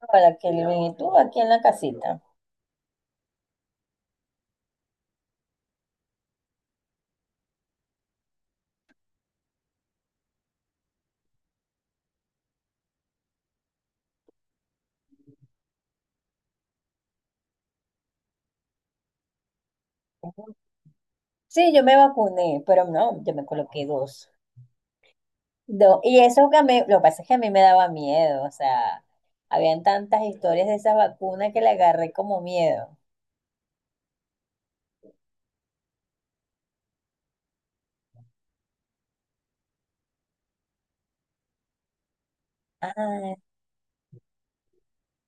Hola, Kelvin, ¿y tú aquí en la casita? Ujú. Sí, yo me vacuné, pero no, yo me coloqué dos. Dos. Y eso que a mí, lo que pasa es que a mí me daba miedo, o sea, habían tantas historias de esa vacuna que le agarré como miedo. Ah,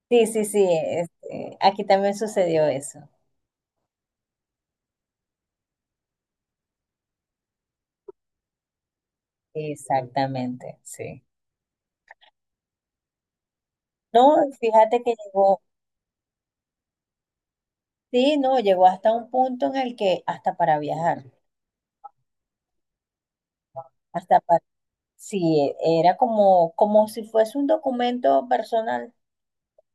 sí, sí, sí, aquí también sucedió eso. Exactamente, sí. No, fíjate que llegó, sí, no, llegó hasta un punto en el que hasta para viajar, hasta para, sí, era como, como si fuese un documento personal.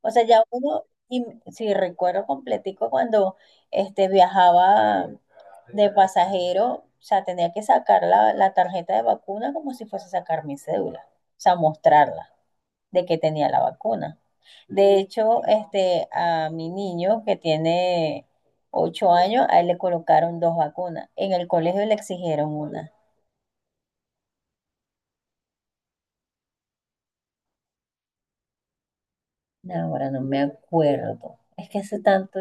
O sea, ya uno, y si recuerdo completico cuando viajaba de pasajero, o sea, tenía que sacar la tarjeta de vacuna como si fuese a sacar mi cédula, o sea, mostrarla de que tenía la vacuna. De hecho, a mi niño que tiene 8 años, a él le colocaron dos vacunas. En el colegio le exigieron una. No, ahora no me acuerdo. Es que hace tanto.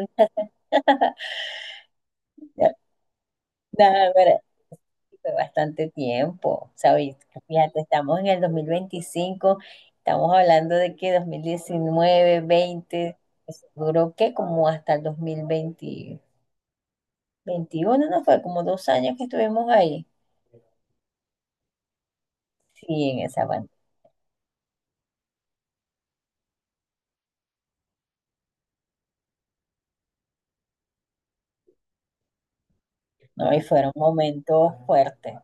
Nah, fue bastante tiempo, ¿sabes? Fíjate, estamos en el 2025, estamos hablando de que 2019, 20, eso duró que como hasta el 2020, veintiuno, ¿no fue? Como dos años que estuvimos ahí, sí, en esa banda, ¿no? Y fueron momentos fuertes.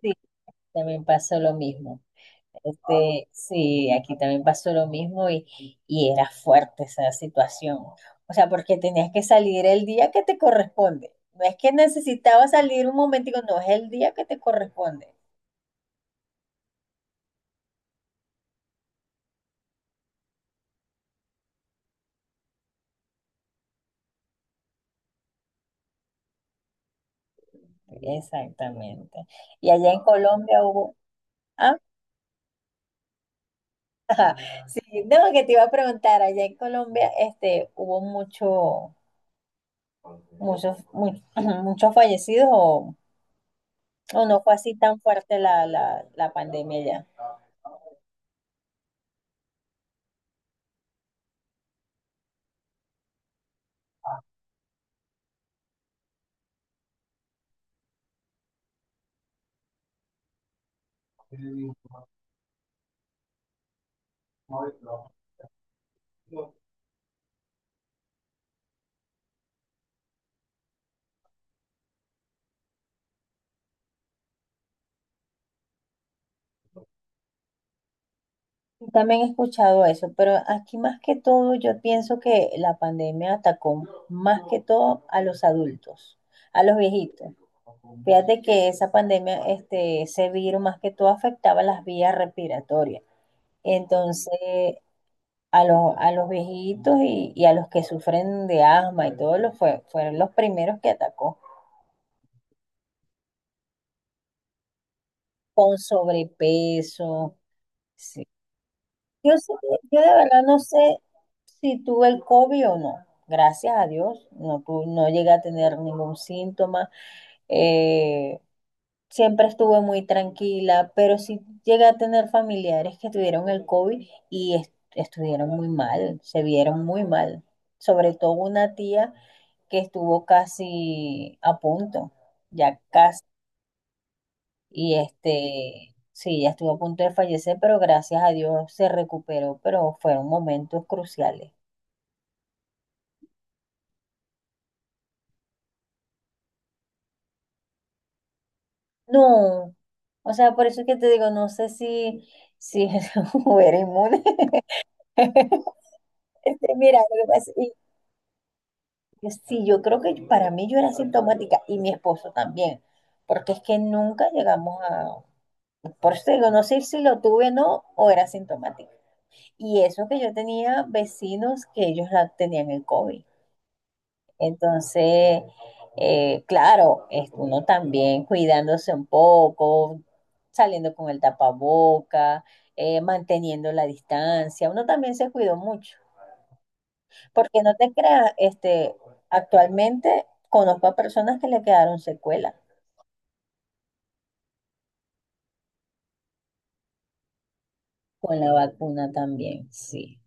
Sí, también pasó lo mismo. Sí, aquí también pasó lo mismo y era fuerte esa situación. O sea, porque tenías que salir el día que te corresponde. No es que necesitaba salir un momentico, no, es el día que te corresponde. Exactamente. Y allá en Colombia hubo, ah, sí, no, que te iba a preguntar, allá en Colombia, hubo mucho, muchos, mu- muchos fallecidos o no fue así tan fuerte la pandemia. También he escuchado eso, pero aquí más que todo yo pienso que la pandemia atacó más que todo a los adultos, a los viejitos. Fíjate que esa pandemia, ese virus más que todo afectaba las vías respiratorias. Entonces, a los viejitos y a los que sufren de asma y todo lo fue, fueron los primeros que atacó, con sobrepeso. Sí, Yo, sé- yo de verdad no sé si tuve el COVID o no. Gracias a Dios, no, no llegué a tener ningún síntoma. Eh, siempre estuve muy tranquila, pero sí llegué a tener familiares que tuvieron el COVID y estuvieron muy mal, se vieron muy mal. Sobre todo una tía que estuvo casi a punto, ya casi y sí, ya estuvo a punto de fallecer, pero gracias a Dios se recuperó, pero fueron momentos cruciales. No, o sea, por eso es que te digo, no sé si era inmune. Mira, lo que pasa- y sí, yo creo que para mí yo era sintomática y mi esposo también, porque es que nunca llegamos a, por eso te digo, no sé si lo tuve o no, o era sintomática. Y eso que yo tenía vecinos que ellos la tenían el COVID. Entonces, claro, es uno también cuidándose un poco, saliendo con el tapaboca, manteniendo la distancia, uno también se cuidó mucho, porque no te creas, actualmente conozco a personas que le quedaron secuelas con la vacuna también, sí,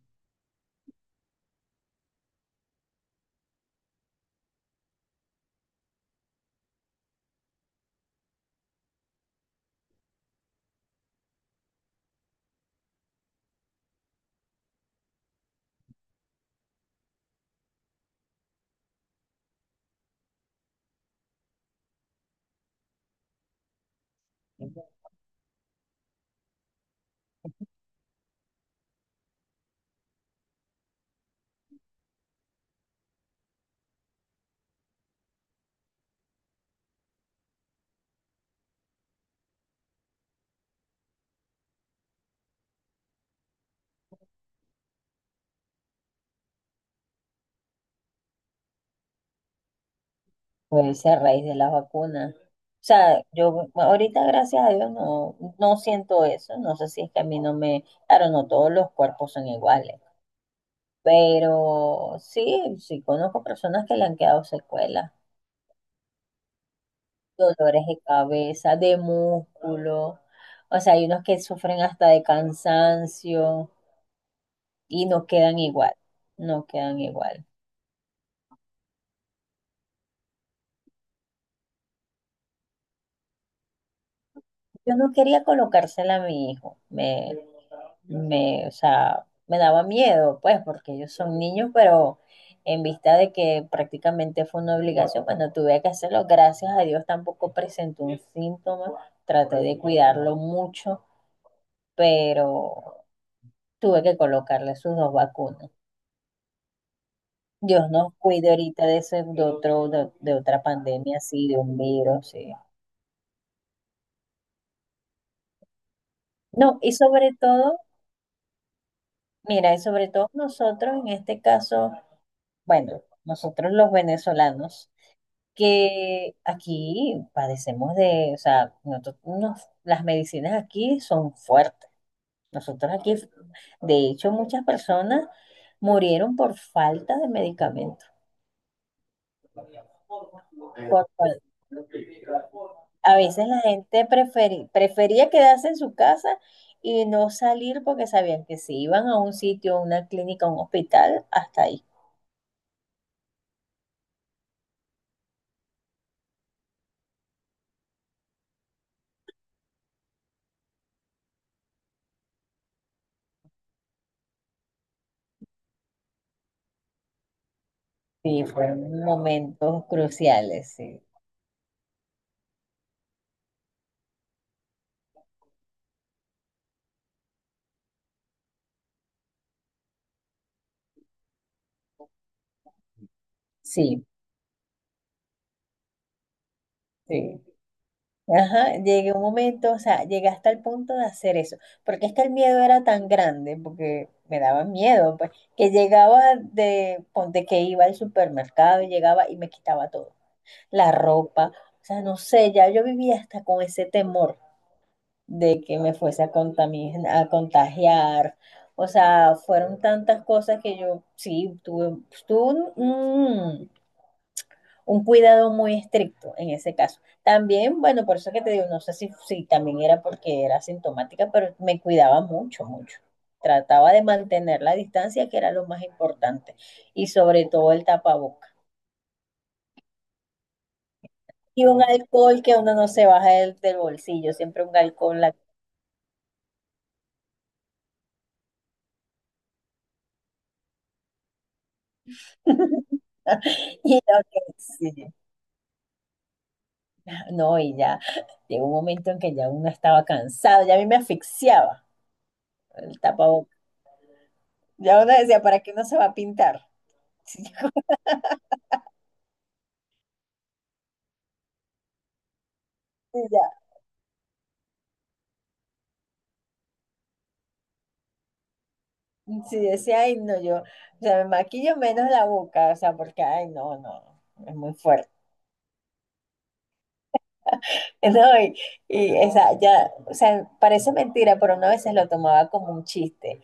puede ser a raíz de la vacuna. O sea, yo ahorita, gracias a Dios, no, no siento eso. No sé si es que a mí no me... Claro, no todos los cuerpos son iguales. Pero sí, sí conozco personas que le han quedado secuelas, dolores de cabeza, de músculo. O sea, hay unos que sufren hasta de cansancio y no quedan igual, no quedan igual. Yo no quería colocársela a mi hijo, o sea, me daba miedo, pues, porque ellos son niños, pero en vista de que prácticamente fue una obligación, bueno, tuve que hacerlo. Gracias a Dios tampoco presentó un síntoma, traté de cuidarlo mucho, pero tuve que colocarle sus dos vacunas. Dios nos cuide ahorita de ese, de otro, de otra pandemia así, de un virus, sí. No, y sobre todo, mira, y sobre todo nosotros en este caso, bueno, nosotros los venezolanos, que aquí padecemos de, o sea, las medicinas aquí son fuertes. Nosotros aquí, de hecho, muchas personas murieron por falta de medicamentos. A veces la gente prefería quedarse en su casa y no salir porque sabían que si iban a un sitio, a una clínica, a un hospital, hasta ahí. Sí, fueron momentos cruciales, sí. Sí, sí. Ajá, llegué un momento, o sea, llegué hasta el punto de hacer eso, porque es que el miedo era tan grande, porque me daba miedo, pues, que llegaba de, ponte que iba al supermercado, llegaba y me quitaba todo, la ropa, o sea, no sé, ya yo vivía hasta con ese temor de que me fuese a a contagiar. O sea, fueron tantas cosas que yo sí tuve, tuve un, un- un cuidado muy estricto en ese caso. También, bueno, por eso que te digo, no sé si también era porque era sintomática, pero me cuidaba mucho, mucho. Trataba de mantener la distancia, que era lo más importante, y sobre todo el tapaboca. Y un alcohol que uno no se baja del bolsillo, siempre un alcohol. En la... Y lo que- sí. No, y ya llegó un momento en que ya uno estaba cansado, ya a mí me asfixiaba el tapabocas. Ya uno decía, ¿para qué uno se va a pintar? Sí, ya. Sí, decía, ay, no, yo, o sea, me maquillo menos la boca, o sea, porque, ay, no, no, es muy fuerte. No, y esa, ya, o sea, parece mentira, pero uno a veces lo tomaba como un chiste,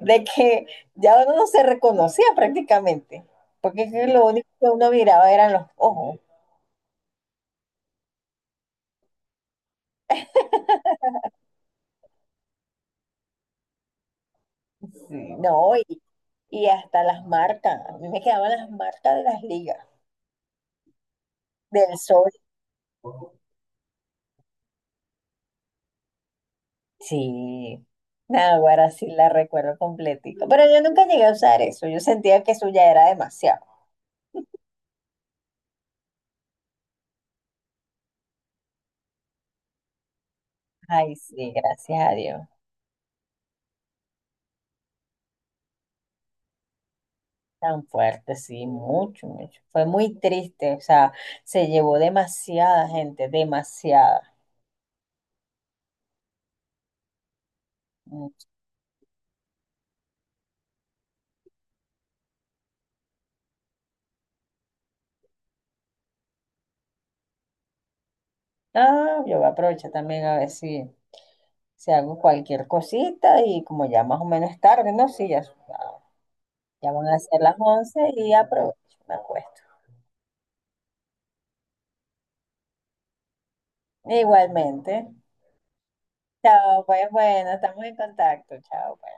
de que ya uno no se reconocía prácticamente, porque es que lo único que uno miraba eran los ojos. Sí, no, y hasta las marcas. A mí me quedaban las marcas de las ligas, del sol. Sí. Nada, ahora sí la recuerdo completito. Pero yo nunca llegué a usar eso. Yo sentía que eso ya era demasiado. Ay, sí, gracias a Dios. Tan fuerte, sí, mucho, mucho. Fue muy triste, o sea, se llevó demasiada gente, demasiada. Mucho. Ah, yo voy a aprovechar también a ver si, si hago cualquier cosita y como ya más o menos es tarde, ¿no? Sí, ya, ah, ya van a ser las 11 y aprovecho, me acuesto. Igualmente. Chao, pues bueno, estamos en contacto. Chao, pues.